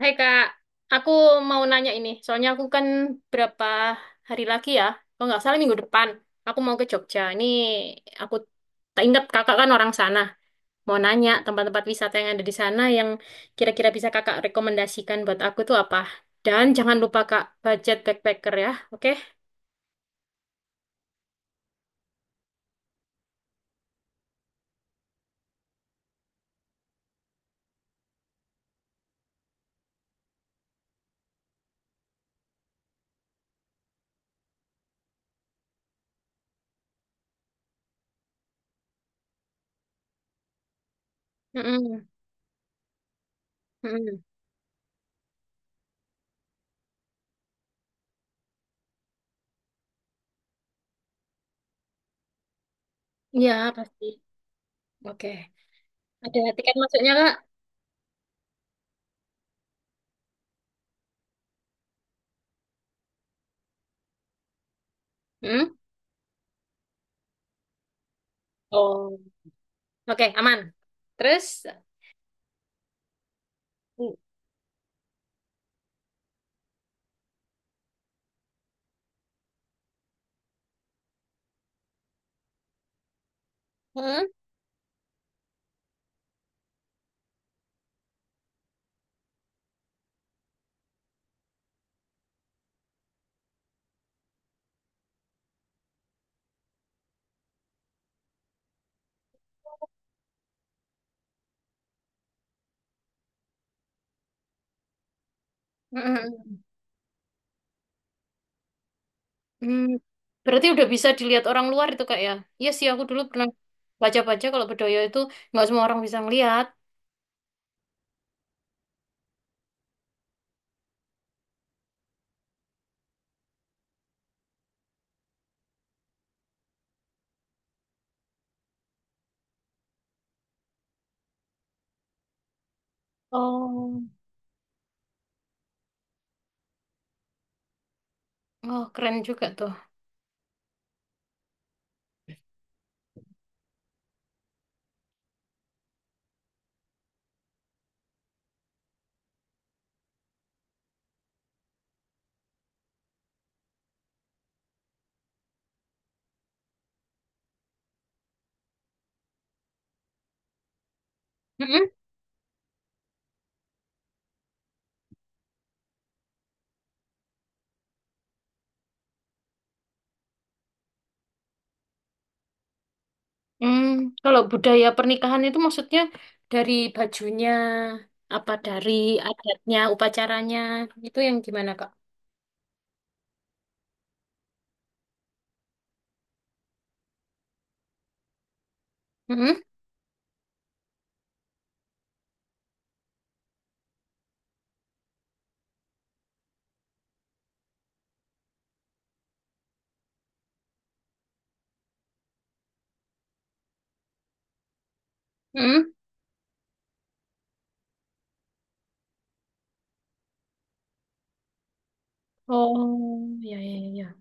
Hai Kak, aku mau nanya ini. Soalnya aku kan berapa hari lagi ya, kalau nggak salah minggu depan, aku mau ke Jogja. Ini aku tak ingat kakak kan orang sana. Mau nanya tempat-tempat wisata yang ada di sana yang kira-kira bisa kakak rekomendasikan buat aku tuh apa. Dan jangan lupa Kak, budget backpacker ya, oke? Mm-mm. Mm-mm. Iya, pasti. Oke. Ada tiket masuknya Kak? Mm? Oh, oke, aman. Terus? Mm. Mm. Mm-mm. Hmm, berarti udah bisa dilihat orang luar itu kak ya? Iya sih aku dulu pernah baca-baca kalau Bedoyo itu nggak semua orang bisa ngelihat. Oh, oh keren juga tuh. Mm-mm. Hmm, kalau budaya pernikahan itu maksudnya dari bajunya, apa dari adatnya, upacaranya, itu yang gimana kak? Mm-mm. Mm-mm. Oh, ya ya ya.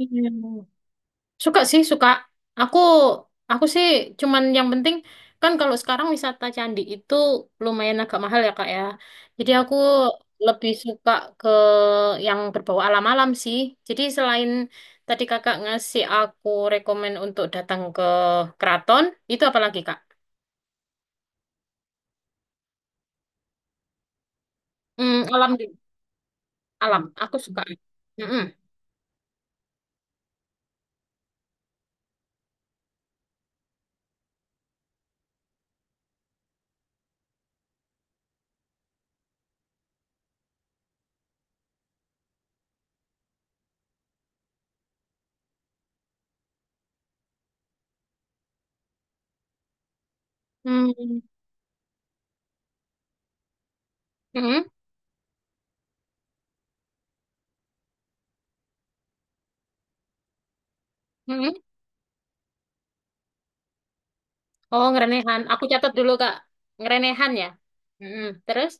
Iya. Suka sih, suka. Aku aku sih cuman yang penting kan kalau sekarang wisata candi itu lumayan agak mahal ya Kak ya. Jadi aku lebih suka ke yang berbau alam-alam sih. Jadi selain tadi Kakak ngasih aku rekomen untuk datang ke keraton, itu apa lagi Kak? Hmm, alam alam. Aku suka. Mm-mm. Hmm, mm-mm, mm-mm. Oh, ngerenehan. Aku catat dulu Kak. Ngerenehan ya. Mm-mm. Terus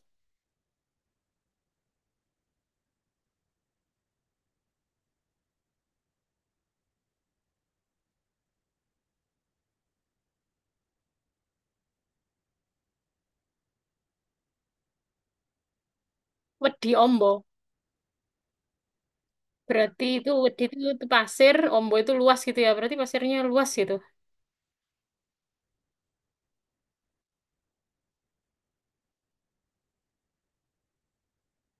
Wedi Ombo. Berarti itu wedi itu pasir, ombo itu luas gitu ya. Berarti pasirnya luas gitu.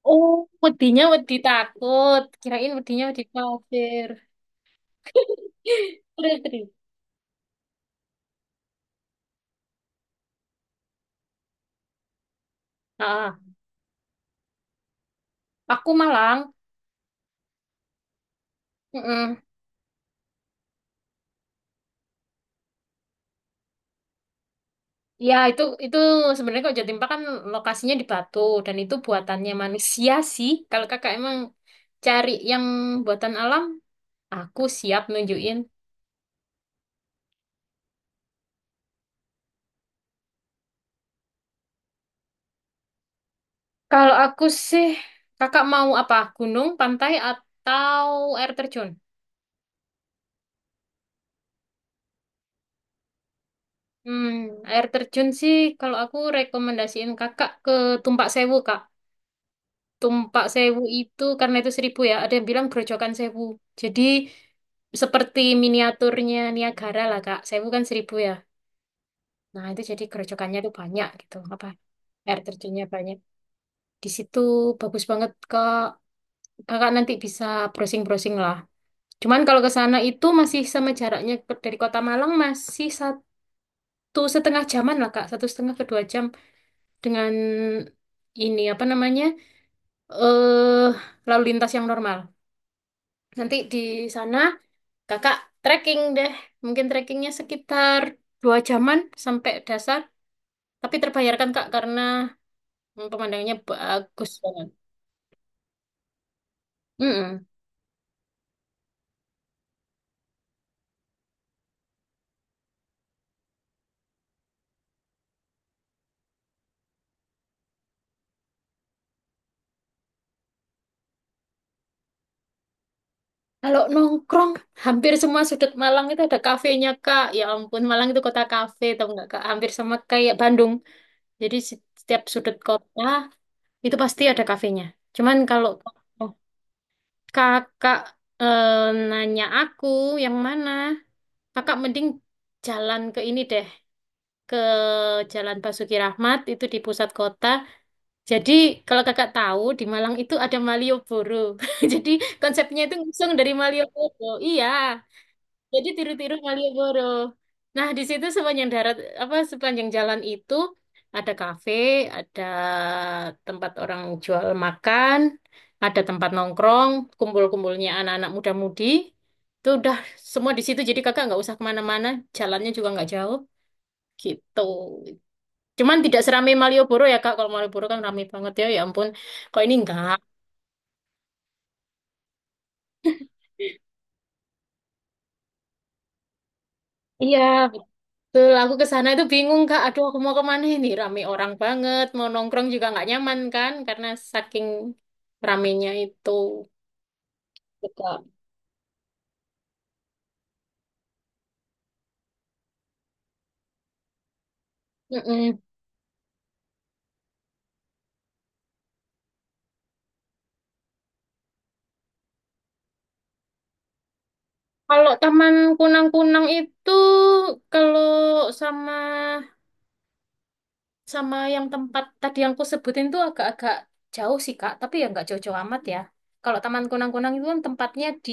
Oh, wedinya wedi takut. Kirain wedinya wedi pasir. Terus, terus. Ah, aku Malang. Mm-mm. Ya, itu sebenarnya kok Jatimpa kan lokasinya di Batu dan itu buatannya manusia sih. Kalau kakak emang cari yang buatan alam, aku siap nunjukin. Kalau aku sih, kakak mau apa? Gunung, pantai, atau air terjun? Hmm, air terjun sih kalau aku rekomendasiin kakak ke Tumpak Sewu kak. Tumpak Sewu itu karena itu 1.000 ya, ada yang bilang Grojogan Sewu. Jadi seperti miniaturnya Niagara lah kak. Sewu kan 1.000 ya. Nah itu jadi gerojokannya tuh banyak gitu. Apa air terjunnya banyak. Di situ bagus banget kak. Kakak nanti bisa browsing-browsing lah. Cuman kalau ke sana itu masih sama jaraknya dari Kota Malang masih 1,5 jaman lah kak. 1,5 ke 2 jam dengan ini apa namanya eh lalu lintas yang normal. Nanti di sana kakak trekking deh, mungkin trekkingnya sekitar 2 jaman sampai dasar, tapi terbayarkan kak karena pemandangannya bagus banget. Mm-mm. Kalau nongkrong, hampir semua sudut Malang itu ada kafenya kak. Ya ampun, Malang itu kota kafe, tau nggak kak? Hampir sama kayak Bandung. Jadi setiap sudut kota itu pasti ada kafenya. Cuman kalau Kakak nanya aku yang mana? Kakak mending jalan ke ini deh, ke Jalan Basuki Rahmat itu di pusat kota. Jadi kalau kakak tahu di Malang itu ada Malioboro. Jadi konsepnya itu langsung dari Malioboro. Iya. Jadi tiru-tiru Malioboro. Nah, di situ sepanjang darat apa sepanjang jalan itu ada kafe, ada tempat orang jual makan, ada tempat nongkrong, kumpul-kumpulnya anak-anak muda-mudi. Itu udah semua di situ. Jadi kakak nggak usah kemana-mana, jalannya juga nggak jauh gitu. Cuman tidak seramai Malioboro ya kak. Kalau Malioboro kan ramai banget ya. Ya ampun, kok ini enggak? Iya. Betul, aku ke sana itu bingung Kak. Aduh, aku mau kemana ini? Rame orang banget, mau nongkrong juga nggak nyaman kan? Karena saking ramenya itu. Betul. Mm-mm. Kalau Taman Kunang-Kunang itu, kalau sama sama yang tempat tadi yang aku sebutin tuh agak-agak jauh sih Kak, tapi ya nggak jauh-jauh amat ya. Kalau Taman Kunang-Kunang itu kan tempatnya di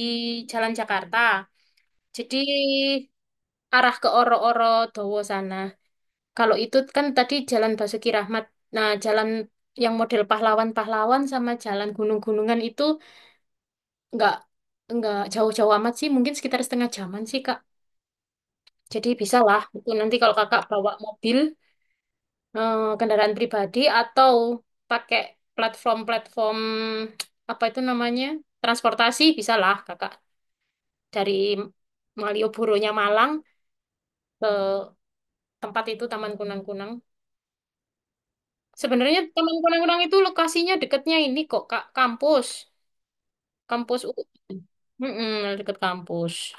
Jalan Jakarta, jadi arah ke Oro-Oro Dowo sana. Kalau itu kan tadi Jalan Basuki Rahmat. Nah, jalan yang model pahlawan-pahlawan sama jalan gunung-gunungan itu nggak nggak jauh-jauh amat sih, mungkin sekitar setengah jaman sih, Kak. Jadi bisa lah. Itu nanti kalau Kakak bawa mobil, kendaraan pribadi atau pakai platform-platform apa itu namanya transportasi, bisa lah Kakak dari Malioboro-nya Malang ke tempat itu Taman Kunang-Kunang. Sebenarnya Taman Kunang-kunang itu lokasinya dekatnya ini kok, Kak, kampus. Kampus u U. Mm-mm, dekat kampus.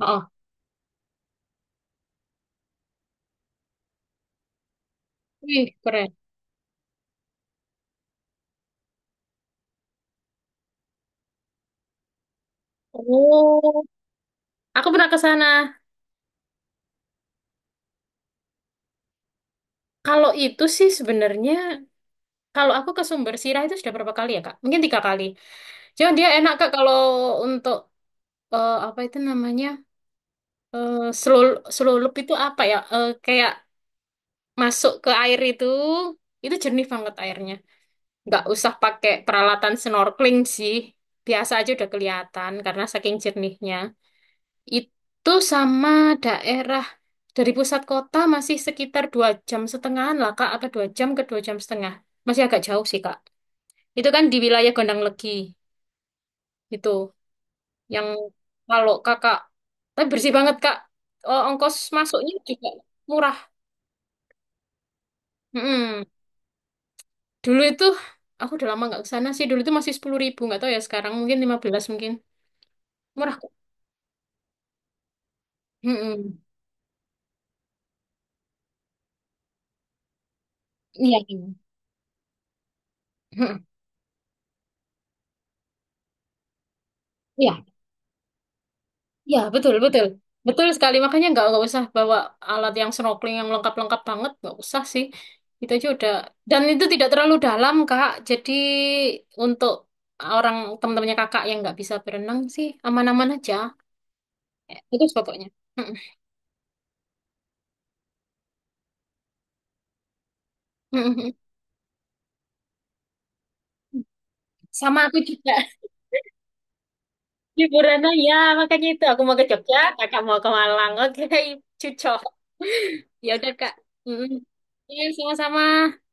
Oh, wih, keren. Oh, aku pernah ke sana. Kalau itu sih sebenarnya, kalau aku ke Sumber Sirah itu sudah berapa kali ya, Kak? Mungkin 3 kali. Cuman dia enak, Kak, kalau untuk, apa itu namanya, eh selulup itu apa ya, Eh, kayak masuk ke air itu jernih banget airnya. Nggak usah pakai peralatan snorkeling sih. Biasa aja udah kelihatan karena saking jernihnya. Itu sama daerah dari pusat kota masih sekitar 2 jam setengahan lah Kak, atau 2 jam ke 2,5 jam. Masih agak jauh sih Kak. Itu kan di wilayah Gondang Legi itu. Yang kalau Kakak, tapi bersih banget Kak. Oh, ongkos masuknya juga murah. Mm-mm. Dulu itu aku udah lama nggak ke sana sih. Dulu itu masih 10.000 nggak tahu ya sekarang mungkin 15 mungkin. Murah kok. Mm-mm. Iya, iya, mm-mm, iya, iya, betul, betul, betul sekali. Makanya nggak usah bawa alat yang snorkeling yang lengkap-lengkap banget, nggak usah sih. Itu aja udah. Dan itu tidak terlalu dalam, Kak. Jadi untuk orang teman-temannya kakak yang nggak bisa berenang sih aman-aman aja. Itu pokoknya. Mm-mm. Mm-mm. Sama aku juga liburan ya, makanya itu aku mau ke Jogja, kakak mau ke Malang. Oke, cucok. Ya udah, Kak. Mm-mm. Iya, sama-sama.